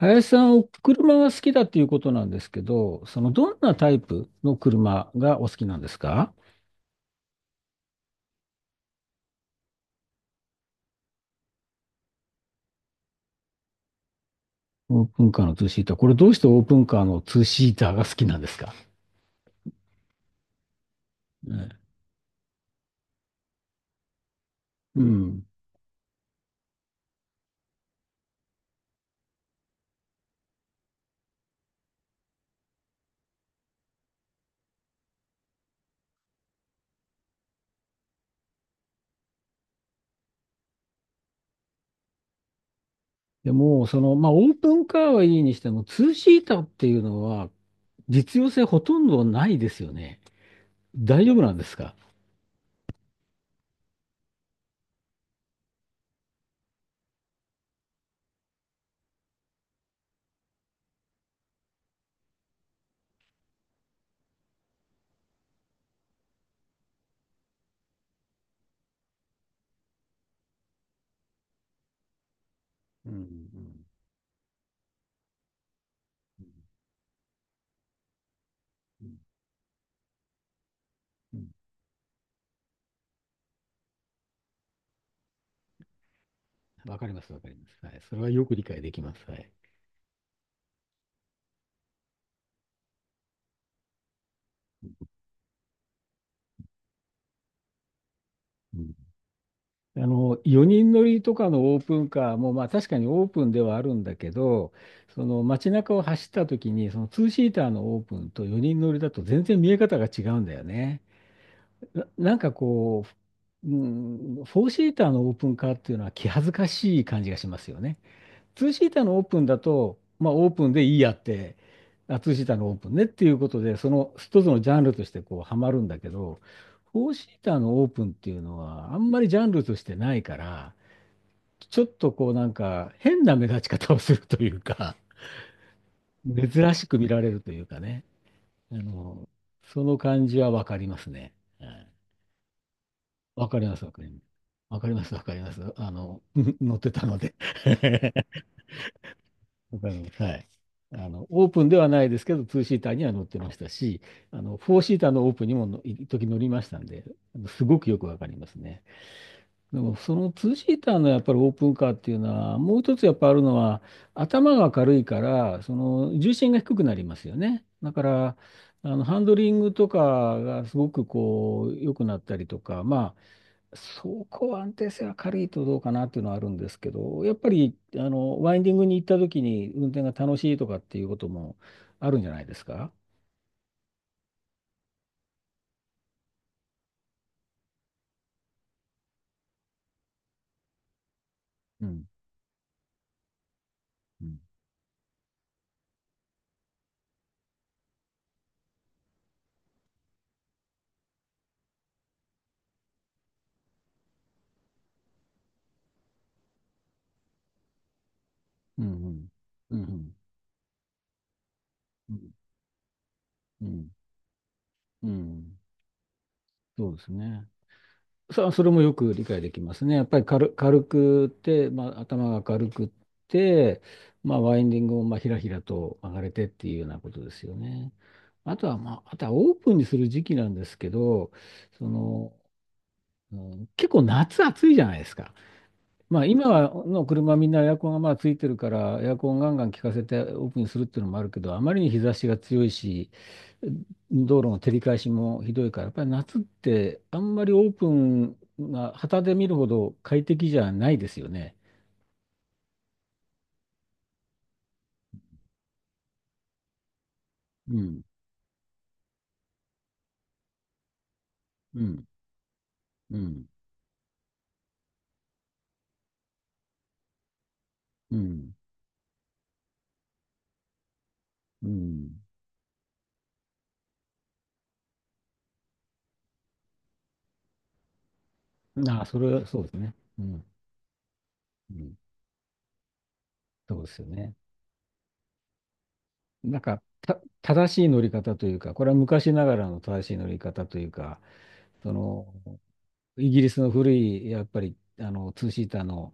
林さん、お車が好きだっていうことなんですけど、そのどんなタイプの車がお好きなんですか？オープンカーのツーシーター。これどうしてオープンカーのツーシーターが好きなんですか？ね。うん。でも、その、まあ、オープンカーはいいにしても、ツーシーターっていうのは実用性ほとんどないですよね。大丈夫なんですか？うん。うん。わかります、わかります。はい。それはよく理解できます。はい。あの、4人乗りとかのオープンカーも、まあ確かにオープンではあるんだけど、その街中を走った時に、その2シーターのオープンと4人乗りだと全然見え方が違うんだよね。なんかこう、うん、4シーターのオープンカーっていうのは気恥ずかしい感じがしますよね。2シーターのオープンだと、まあオープンでいいやって、あ、2シーターのオープンねっていうことで、その一つのジャンルとしてこうハマるんだけど、フォーシーターのオープンっていうのはあんまりジャンルとしてないから、ちょっとこうなんか変な目立ち方をするというか、珍しく見られるというかね、あの、その感じはわかりますね。はい。わかります、わかります。わかります、わかります。あの、乗ってたので わかります。はい。あの、オープンではないですけど、ツーシーターには乗ってましたし、あの、フォーシーターのオープンにもの一時乗りましたんで、すごくよくわかりますね。でもそのツーシーターのやっぱりオープンカーっていうのは、もう一つやっぱあるのは、頭が軽いから、その重心が低くなりますよね。だから、あのハンドリングとかがすごくこう良くなったりとか、まあ、走行安定性は軽いとどうかなっていうのはあるんですけど、やっぱりあのワインディングに行った時に運転が楽しいとかっていうこともあるんじゃないですか？うん。うん。うん。うん。うん。うん。うん。うん。そうですね。それもよく理解できますね。やっぱり軽くって、まあ、頭が軽くって、まあ、ワインディングもまあひらひらと曲がれてっていうようなことですよね。あとは、まあ、あとはオープンにする時期なんですけど、その、うん、結構夏暑いじゃないですか。まあ今はの車はみんなエアコンがまあついてるからエアコンガンガン効かせてオープンにするっていうのもあるけど、あまりに日差しが強いし、道路の照り返しもひどいからやっぱり夏ってあんまりオープンが旗で見るほど快適じゃないですよね。うん。うん。うん。うん。うん。ああ、それはそうですね。うん。うん。そうですよね。なんかた正しい乗り方というか、これは昔ながらの正しい乗り方というか、そのイギリスの古い、やっぱり、あの、ツーシーターの、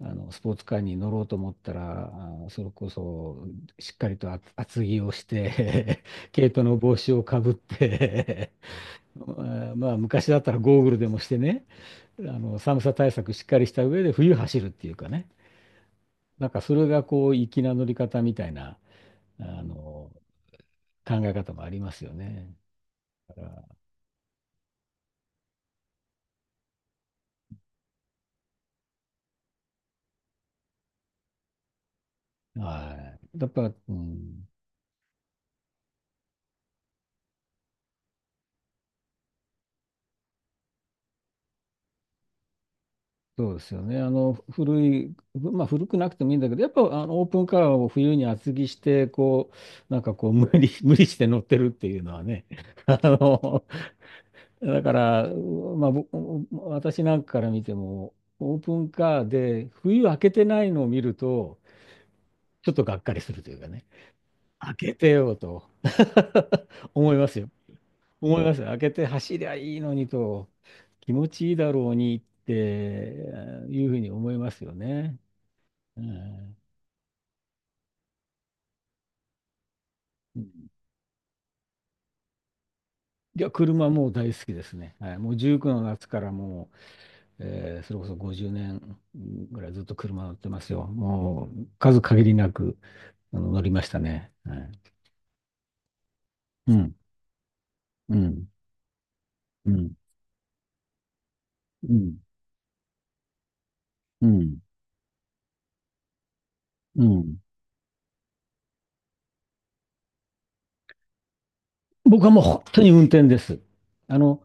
あの、スポーツカーに乗ろうと思ったら、それこそ、しっかりと厚着をして、毛糸の帽子をかぶって まあ、まあ昔だったらゴーグルでもしてね、あの、寒さ対策しっかりした上で冬走るっていうかね、なんかそれがこう、粋な乗り方みたいな、あの、考え方もありますよね。だから、はい。やっぱ、うん。そうですよね。あの古い、まあ、古くなくてもいいんだけど、やっぱあのオープンカーを冬に厚着して、こう、なんかこう無理、無理して乗ってるっていうのはね、あの、だから、まあ、私なんかから見ても、オープンカーで冬開けてないのを見ると、ちょっとがっかりするというかね、開けてよと 思いますよ。思いますよ。開けて走りゃいいのにと、気持ちいいだろうにっていうふうに思いますよね。えーいや、車もう大好きですね。はい、もう19の夏からもう、それこそ50年ぐらいずっと車乗ってますよ。もう数限りなく乗りましたね。はい。うん。うん。うん。うん。うん。うん。僕はもう本当に運転です。あの、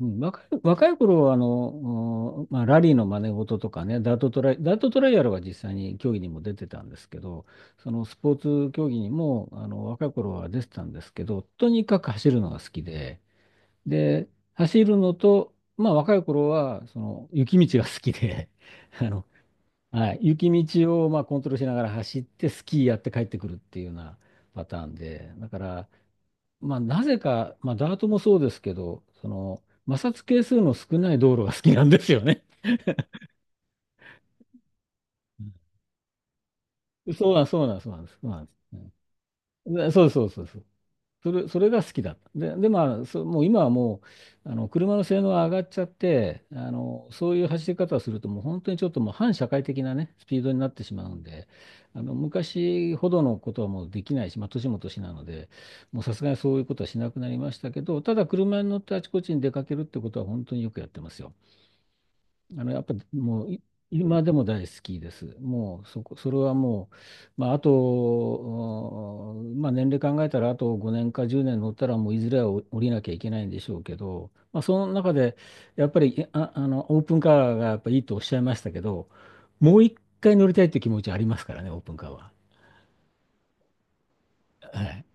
うん、若い頃はうん、まあ、ラリーの真似事とかね、ダートトライアルは実際に競技にも出てたんですけど、そのスポーツ競技にも若い頃は出てたんですけど、とにかく走るのが好きで、で、走るのと、まあ若い頃はその雪道が好きで、あの、はい、雪道をまあコントロールしながら走ってスキーやって帰ってくるっていうようなパターンで、だから、まあ、なぜか、まあ、ダートもそうですけど、その、摩擦係数の少ない道路が好きなんですよね。うん、そうなん、そうなん、そうなんです。そうなんです。うん。で、そうそうそうそう。それが好きだった。で、まあ、もう今はもう、あの、車の性能が上がっちゃって、あの、そういう走り方をすると、もう本当にちょっともう反社会的なね、スピードになってしまうんで、あの、昔ほどのことはもうできないし、まあ、年も年なので、もうさすがにそういうことはしなくなりましたけど、ただ車に乗ってあちこちに出かけるってことは本当によくやってますよ。あの、やっぱもう今でも大好きです。もうそれはもう、まあ、あと、うん、まあ、年齢考えたらあと5年か10年乗ったらもういずれは降りなきゃいけないんでしょうけど、まあ、その中でやっぱりあのオープンカーがやっぱいいとおっしゃいましたけど、もう一回乗りたいという気持ちありますからね、オープンカーは。はい、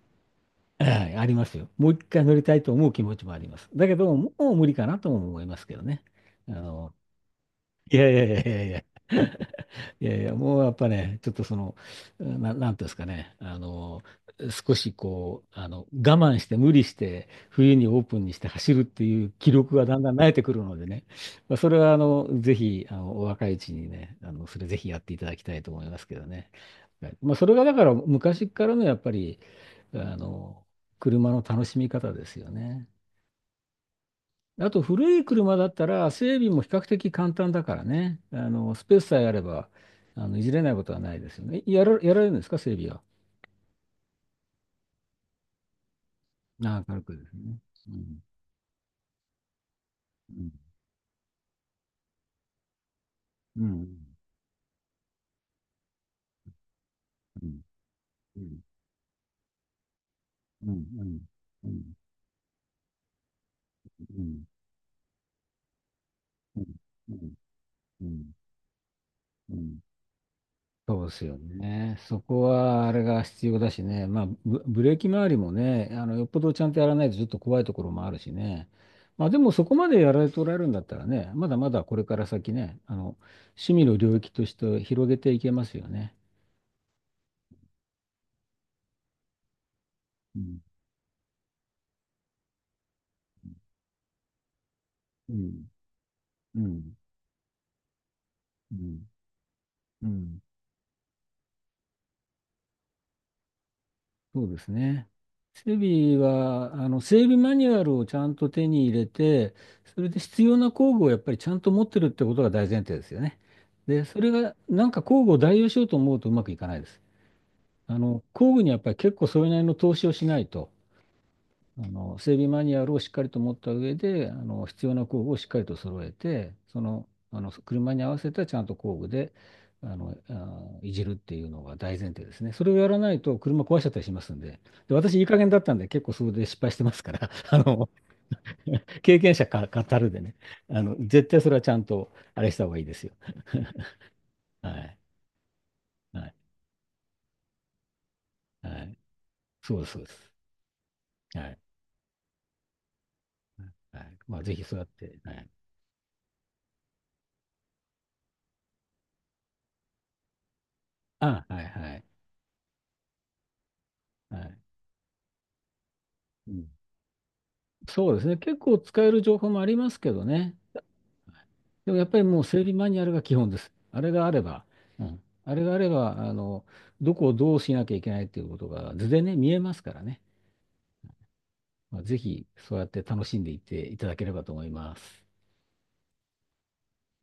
はい、ありますよ。もう一回乗りたいと思う気持ちもあります。だけど、もう無理かなとも思いますけどね。あの、いやいやいやいやいや。いやいや、もうやっぱね、ちょっとその、なんていうんですかね、あの、少しこう、あの、我慢して無理して、冬にオープンにして走るっていう気力がだんだん慣れてくるのでね、まあ、それはあの、ぜひ、あの、お若いうちにね、あの、それぜひやっていただきたいと思いますけどね。はい、まあ、それがだから昔からのやっぱり、あの、車の楽しみ方ですよね。あと古い車だったら整備も比較的簡単だからね。あのスペスさえあればいじれないことはないですよね。やられるんですか整備は？軽くですね。うん。うん。うん。うん。うん。うん。うん。うん。うん。うん。うん。うん。そうですよね。そこはあれが必要だしね、まあ、ブレーキ周りもね、あのよっぽどちゃんとやらないとちょっと怖いところもあるしね、まあ、でもそこまでやられておられるんだったらね、まだまだこれから先ね、あの趣味の領域として広げていけますよね。うん。うん。うん。うん。うん。そうですね。整備は、あの、整備マニュアルをちゃんと手に入れて、それで必要な工具をやっぱりちゃんと持ってるってことが大前提ですよね。で、それが、なんか工具を代用しようと思うとうまくいかないです。あの、工具にはやっぱり結構それなりの投資をしないと。あの整備マニュアルをしっかりと持った上で、あの必要な工具をしっかりと揃えて、その、あの車に合わせたちゃんと工具であの、あいじるっていうのが大前提ですね。それをやらないと車壊しちゃったりしますんで、で私、いい加減だったんで、結構それで失敗してますから、あの 経験者か語るでね、あの絶対それはちゃんとあれした方がいいですよ。はい、はい、はい、そうです、そうです。はい、はい。まあ、ぜひそうやって、はい。あ、はい、はい、はい。うん、そうですね。結構使える情報もありますけどね。でもやっぱりもう整備マニュアルが基本です。あれがあれば、うん、あれがあれば、あの、どこをどうしなきゃいけないっていうことが図でね、見えますからね。まあ、ぜひそうやって楽しんでいっていただければと思います。